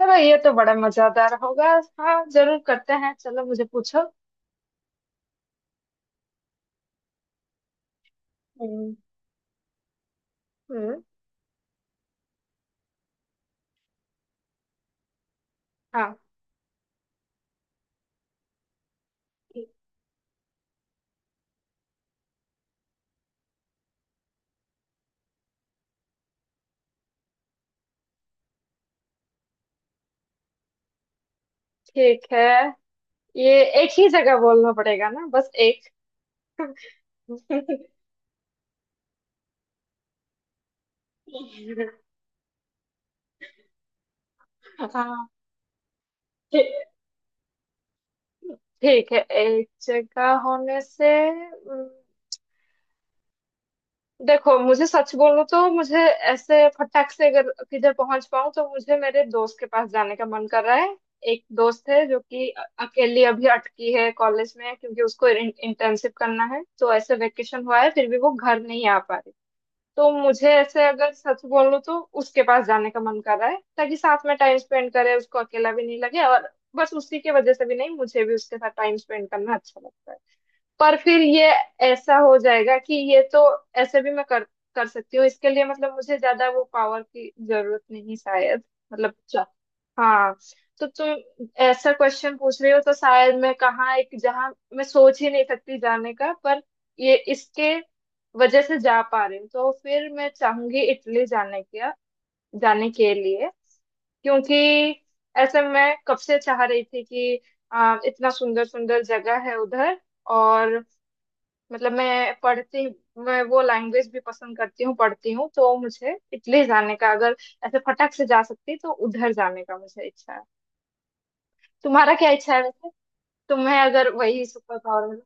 चलो, ये तो बड़ा मजेदार होगा। हाँ, जरूर करते हैं। चलो मुझे पूछो। हम्म। हम्म, हाँ ठीक है। ये एक ही जगह बोलना पड़ेगा ना, बस एक। हाँ, ठीक ठीक है एक जगह होने से। देखो, मुझे सच बोलूं तो मुझे ऐसे फटाक से अगर किधर पहुंच पाऊं, तो मुझे मेरे दोस्त के पास जाने का मन कर रहा है। एक दोस्त है जो कि अकेली अभी अटकी है कॉलेज में, क्योंकि उसको इंटर्नशिप करना है। तो ऐसे वेकेशन हुआ है, फिर भी वो घर नहीं आ पा रही। तो मुझे ऐसे, अगर सच बोलूं, तो उसके पास जाने का मन कर रहा है, ताकि साथ में टाइम स्पेंड करे, उसको अकेला भी नहीं लगे। और बस उसी की वजह से भी नहीं, मुझे भी उसके साथ टाइम स्पेंड करना अच्छा लगता है। पर फिर ये ऐसा हो जाएगा कि ये तो ऐसे भी मैं कर कर सकती हूँ इसके लिए। मतलब मुझे ज्यादा वो पावर की जरूरत नहीं शायद। मतलब चा- हाँ, तो तुम ऐसा क्वेश्चन पूछ रही हो, तो शायद मैं कहाँ एक जहाँ मैं सोच ही नहीं सकती जाने का, पर ये इसके वजह से जा पा रही हूँ। तो फिर मैं चाहूंगी इटली जाने के लिए, क्योंकि ऐसे मैं कब से चाह रही थी कि इतना सुंदर सुंदर जगह है उधर। और मतलब मैं पढ़ती हूँ, मैं वो लैंग्वेज भी पसंद करती हूँ, पढ़ती हूँ। तो मुझे इटली जाने का, अगर ऐसे फटक से जा सकती, तो उधर जाने का मुझे इच्छा है। तुम्हारा क्या इच्छा है वैसे? तुम्हें अगर वही सुपर पावर।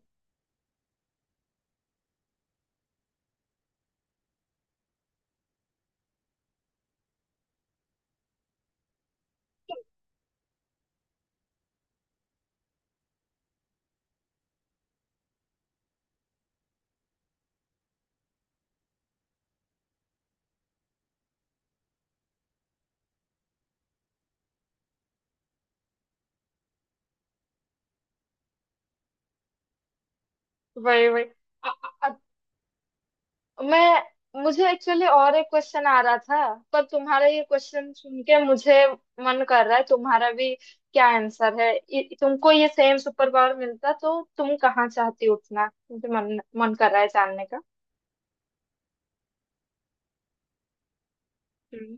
वही वही मैं, मुझे एक्चुअली और एक क्वेश्चन आ रहा था, पर तुम्हारा ये क्वेश्चन सुन के मुझे मन कर रहा है तुम्हारा भी क्या आंसर है। तुमको ये सेम सुपर पावर मिलता तो तुम कहाँ चाहती उठना, मुझे मन मन कर रहा है जानने का। हम्म।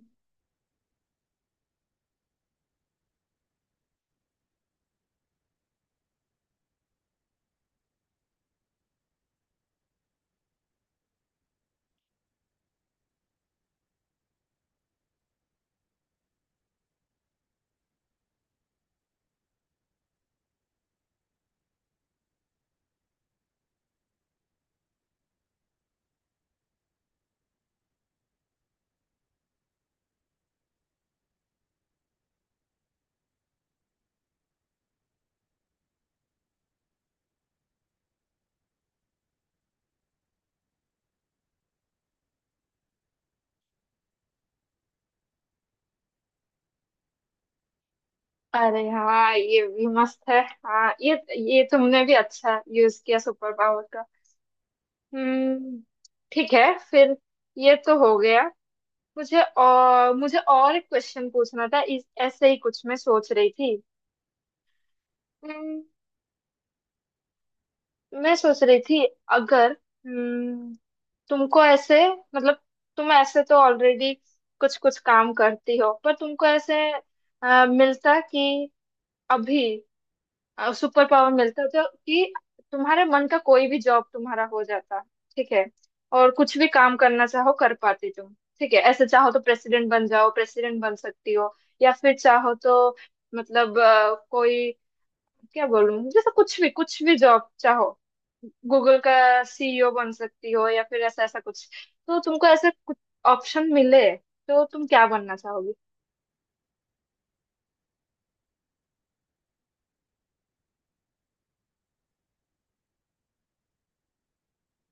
अरे हाँ, ये भी मस्त है। हाँ, ये तुमने भी अच्छा यूज किया सुपर पावर का। हम्म। ठीक है फिर। ये तो हो गया। मुझे और एक क्वेश्चन पूछना था, इस ऐसे ही कुछ मैं सोच रही थी। हम्म, मैं सोच रही थी। अगर, हम्म, तुमको ऐसे, मतलब तुम ऐसे तो ऑलरेडी कुछ कुछ काम करती हो, पर तुमको ऐसे मिलता कि अभी सुपर पावर मिलता है जो कि तुम्हारे मन का कोई भी जॉब तुम्हारा हो जाता। ठीक है। और कुछ भी काम करना चाहो कर पाते तुम। ठीक है। ऐसे चाहो तो प्रेसिडेंट बन जाओ, प्रेसिडेंट बन सकती हो। या फिर चाहो तो, मतलब कोई, क्या बोलूं, जैसे कुछ भी जॉब चाहो, गूगल का सीईओ बन सकती हो, या फिर ऐसा ऐसा कुछ। तो तुमको ऐसे कुछ ऑप्शन मिले तो तुम क्या बनना चाहोगी?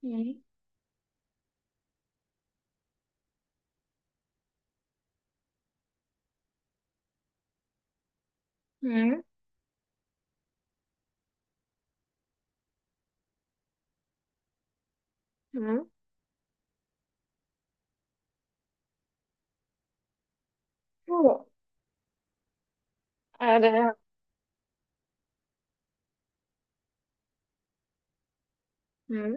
हम्म। हम्म। हम्म। ओ। अरे। हम्म।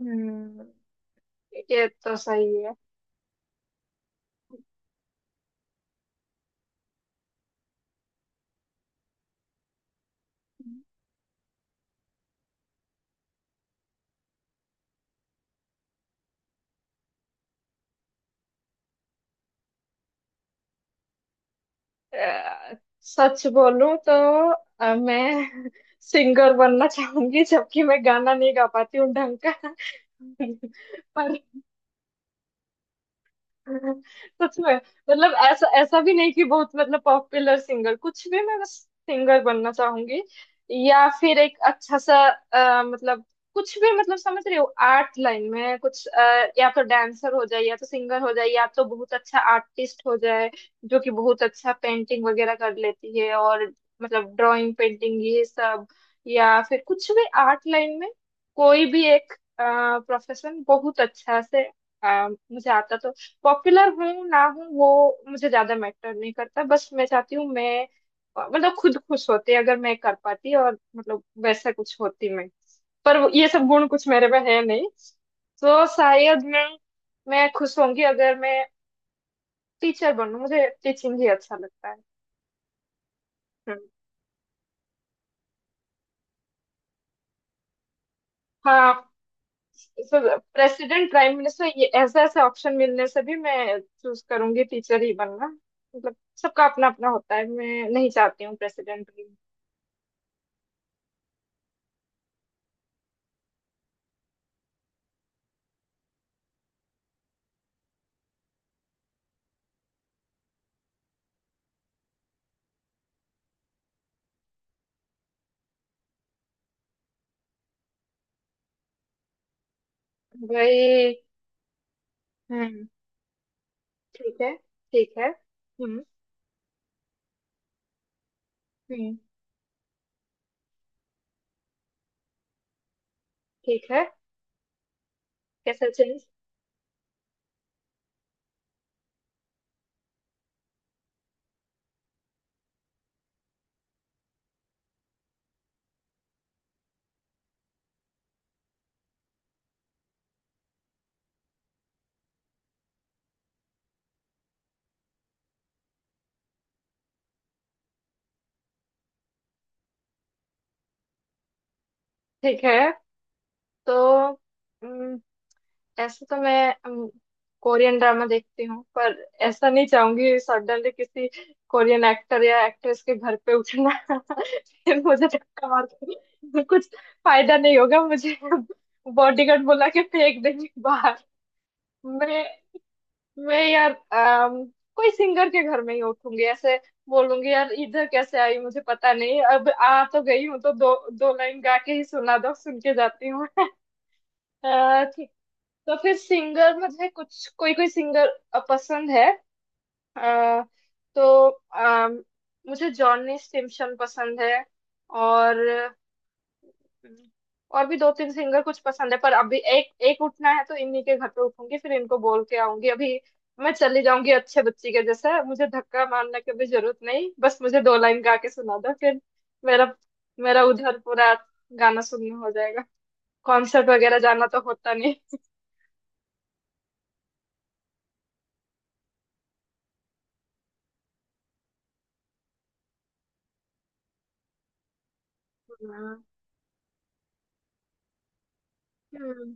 हम्म। ये तो सही है। अ, सच बोलूं तो, मैं सिंगर बनना चाहूंगी, जबकि मैं गाना नहीं गा पाती हूँ ढंग का। पर कुछ में मतलब ऐसा ऐसा भी नहीं कि बहुत, मतलब पॉपुलर सिंगर कुछ भी, मैं बस सिंगर बनना चाहूंगी। या फिर एक अच्छा सा मतलब कुछ भी, मतलब समझ रहे हो, आर्ट लाइन में कुछ, या तो डांसर हो जाए, या तो सिंगर हो जाए, या तो बहुत अच्छा आर्टिस्ट हो जाए, जो कि बहुत अच्छा पेंटिंग वगैरह कर लेती है। और मतलब ड्राइंग पेंटिंग ये सब। या फिर कुछ भी आर्ट लाइन में कोई भी एक प्रोफेशन बहुत अच्छा से मुझे आता तो। पॉपुलर हूँ ना हूँ वो, मुझे ज्यादा मैटर नहीं करता, बस मैं चाहती हूँ मैं, मतलब खुद खुश होती अगर मैं कर पाती, और मतलब वैसा कुछ होती मैं। पर ये सब गुण कुछ मेरे में है नहीं। तो शायद मैं खुश होंगी अगर मैं टीचर बनूं। मुझे टीचिंग ही अच्छा लगता है। हम्म। हाँ, तो प्रेसिडेंट प्राइम मिनिस्टर ये ऐसे ऐसे ऑप्शन मिलने से भी मैं चूज करूंगी टीचर ही बनना। मतलब सबका अपना अपना होता है, मैं नहीं चाहती हूँ प्रेसिडेंट। भाई। हम्म। ठीक है। ठीक है। हम्म। हम्म। ठीक है। कैसा चीज? ठीक है, तो, हम्म, ऐसे तो मैं, हम्म, कोरियन ड्रामा देखती हूँ, पर ऐसा नहीं चाहूंगी सडनली किसी कोरियन एक्टर या एक्ट्रेस के घर पे उठना। फिर मुझे धक्का मार के कुछ फायदा नहीं होगा मुझे, बॉडीगार्ड बुला के फेंक देंगे बाहर। मैं मैं यार, कोई सिंगर के घर में ही उठूंगी। ऐसे बोलूंगी यार इधर कैसे आई मुझे पता नहीं, अब आ तो गई हूँ तो दो दो लाइन गा के ही सुना दो, सुन के जाती हूँ। ठीक। तो फिर सिंगर, मुझे कुछ कोई कोई सिंगर पसंद है, अ, तो मुझे जॉनी स्टिमशन पसंद है। और हम्म। और भी दो तीन सिंगर कुछ पसंद है, पर अभी एक एक उठना है तो इन्हीं के घर पे उठूंगी, फिर इनको बोल के आऊंगी, अभी मैं चली जाऊंगी अच्छे बच्ची के जैसे। मुझे धक्का मारने की भी जरूरत नहीं, बस मुझे दो लाइन गा के सुना दो, फिर मेरा मेरा उधर पूरा गाना सुनना हो जाएगा। कॉन्सर्ट वगैरह जाना तो होता नहीं। हाँ। हम्म।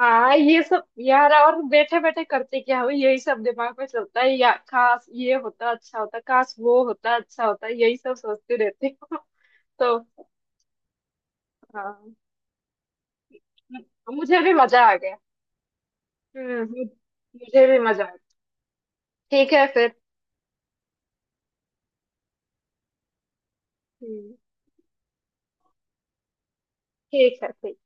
हाँ, ये सब यार, और बैठे बैठे करते क्या हो, यही सब दिमाग में चलता है, या काश ये होता अच्छा होता, काश वो होता अच्छा होता, यही सब सोचती रहती हूँ तो। हाँ। मुझे भी मजा आ गया। हम्म। मुझे भी मजा आ गया। ठीक है फिर। हम्म, ठीक है, ठीक।